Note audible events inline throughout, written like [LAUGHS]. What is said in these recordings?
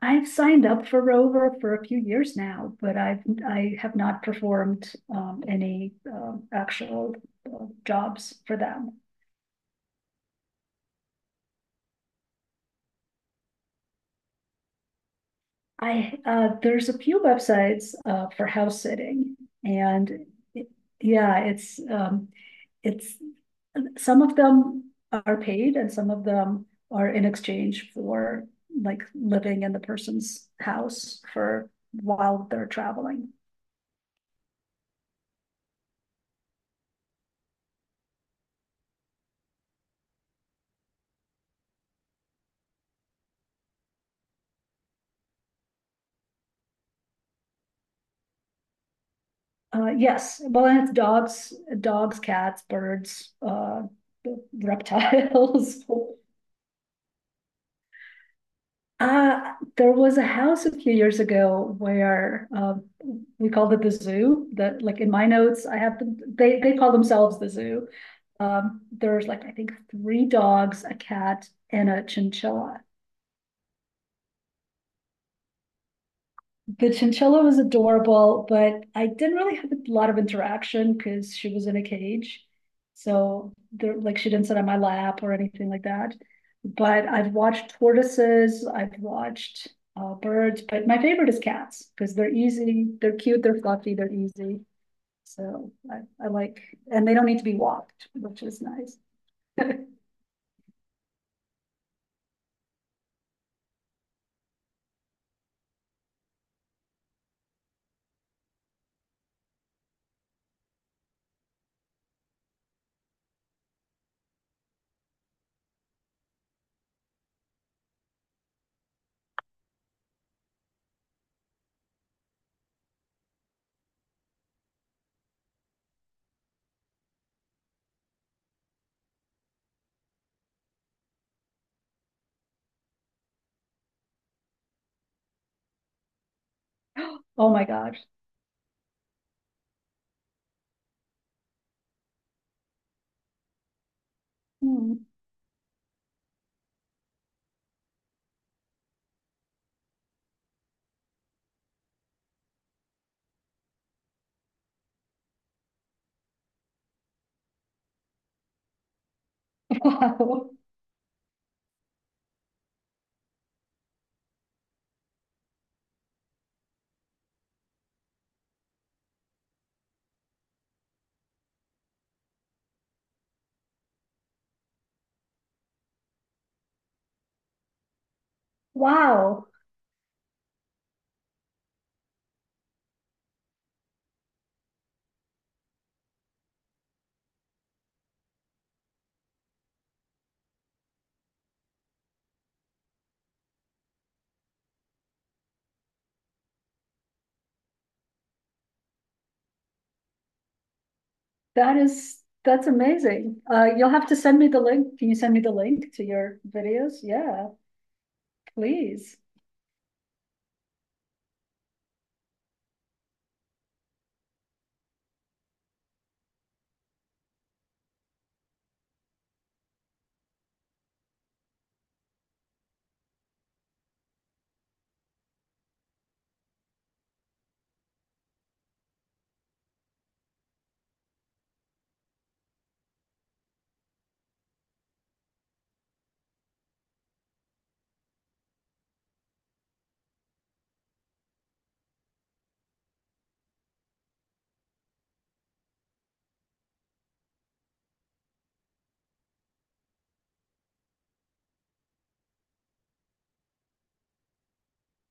I've signed up for Rover for a few years now, but I have not performed any actual jobs for them. I There's a few websites for house sitting, and it- yeah, it's some of them are paid, and some of them are in exchange for like living in the person's house for while they're traveling. Yes, well, and it's dogs, cats, birds, reptiles. [LAUGHS] There was a house a few years ago where we called it the zoo. That like in my notes, I have them, they call themselves the zoo. There's like I think three dogs, a cat, and a chinchilla. The chinchilla was adorable, but I didn't really have a lot of interaction because she was in a cage. So there, like she didn't sit on my lap or anything like that. But I've watched tortoises, I've watched birds, but my favorite is cats because they're easy, they're cute, they're fluffy, they're easy. So I like, and they don't need to be walked, which is nice. [LAUGHS] Oh my gosh. Hmm. [LAUGHS] Wow. Wow. That is, that's amazing. You'll have to send me the link. Can you send me the link to your videos? Yeah, please.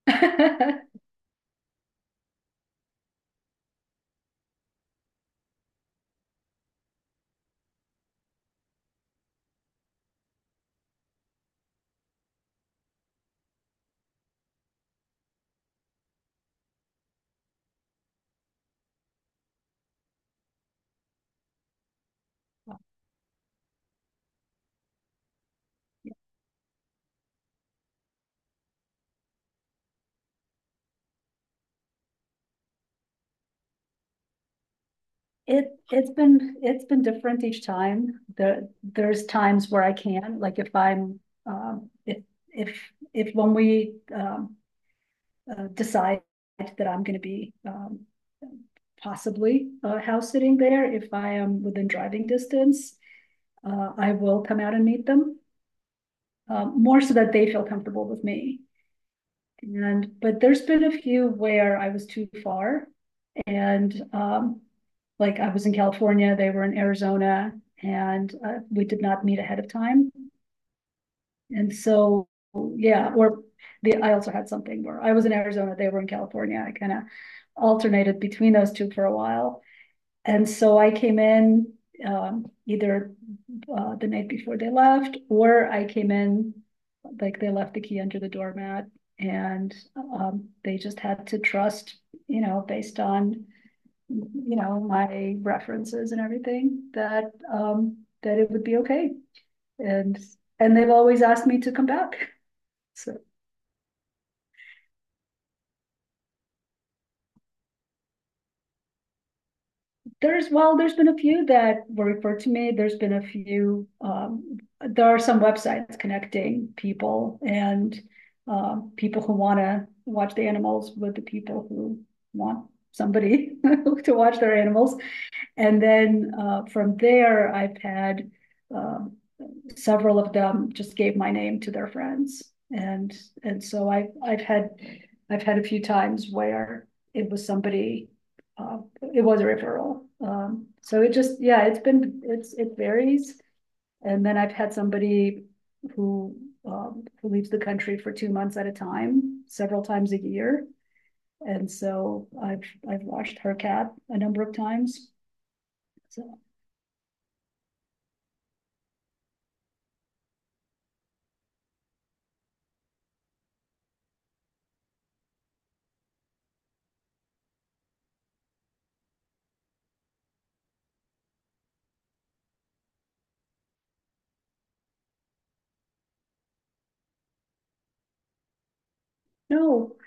[LAUGHS] It's been different each time. There's times where I can, like if I'm um if if if when we decide that I'm going to be possibly house sitting there, if I am within driving distance, I will come out and meet them. More so that they feel comfortable with me. And but there's been a few where I was too far, and Like I was in California, they were in Arizona, and we did not meet ahead of time. And so, yeah, or the I also had something where I was in Arizona, they were in California. I kind of alternated between those two for a while, and so I came in either the night before they left, or I came in like they left the key under the doormat, and they just had to trust, you know, based on you know my references and everything that that it would be okay. And and they've always asked me to come back, [LAUGHS] so. There's well, there's been a few that were referred to me. There's been a few. There are some websites connecting people and people who want to watch the animals with the people who want somebody [LAUGHS] to watch their animals. And then from there, I've had um, several of them just gave my name to their friends. And, and so I've had a few times where it was somebody, it was a referral. So it just, yeah, it varies. And then I've had somebody who, who leaves the country for 2 months at a time, several times a year. And so I've watched her cat a number of times. So, no. [LAUGHS]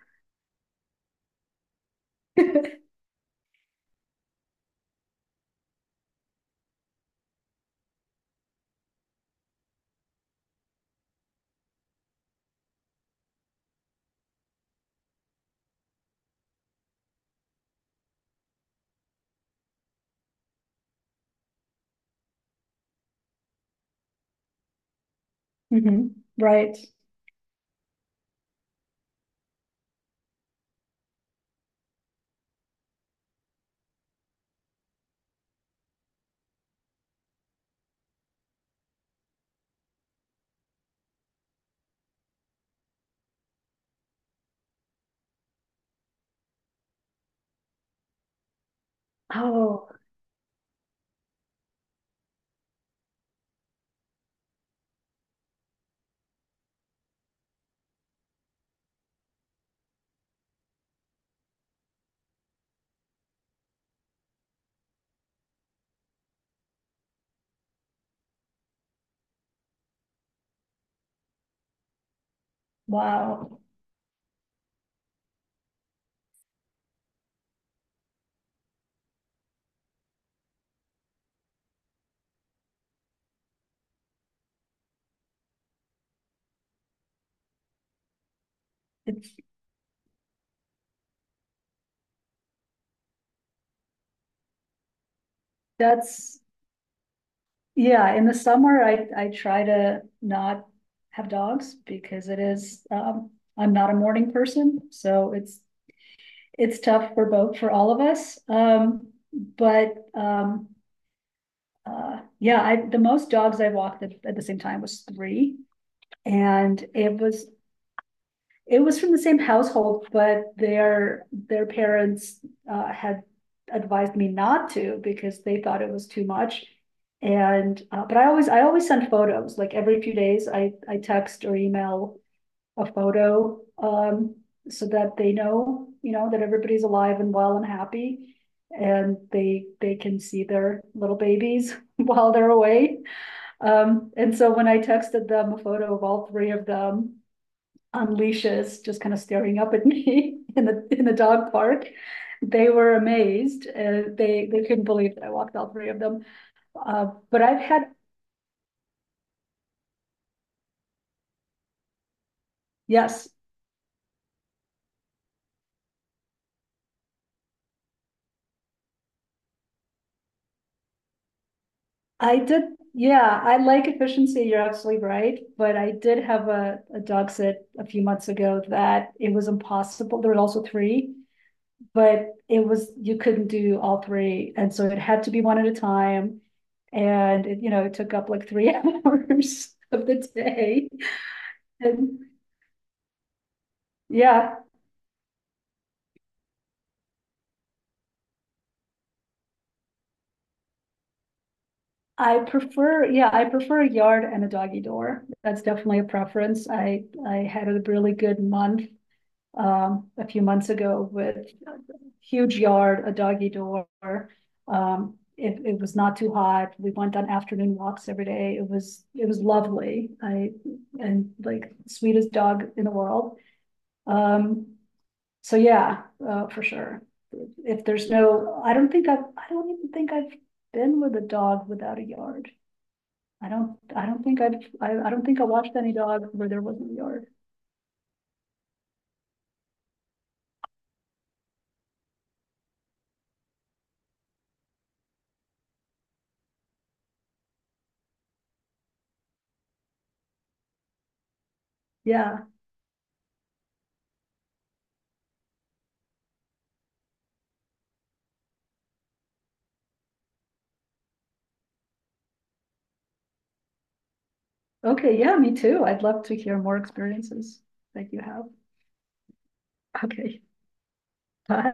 Mhm, right. Oh, wow. It's, that's, yeah, in the summer, I try to not have dogs because it is, I'm not a morning person, so it's tough for both, for all of us. Yeah, I, the most dogs I walked at the same time was three. And it was from the same household, but their parents had advised me not to because they thought it was too much. And but I always send photos. Like every few days, I text or email a photo so that they know you know that everybody's alive and well and happy, and they can see their little babies [LAUGHS] while they're away. And so when I texted them a photo of all three of them on leashes, just kind of staring up at [LAUGHS] me in the dog park. They were amazed. They couldn't believe that I walked all three of them. But yes, I did. Yeah, I like efficiency. You're absolutely right. But I did have a dog sit a few months ago that it was impossible. There were also three, but it was, you couldn't do all three. And so it had to be one at a time. And it, you know, it took up like three [LAUGHS] hours of the day. And yeah, yeah, I prefer a yard and a doggy door. That's definitely a preference. I had a really good month a few months ago with a huge yard, a doggy door. It, it was not too hot. We went on afternoon walks every day. It was lovely. I and like sweetest dog in the world. Um so yeah, for sure. If there's no, I don't even think I've been with a dog without a yard. I don't, I don't think I've, I don't think I watched any dog where there wasn't a yard. Yeah, okay, yeah, me too. I'd love to hear more experiences that you have. Okay, bye.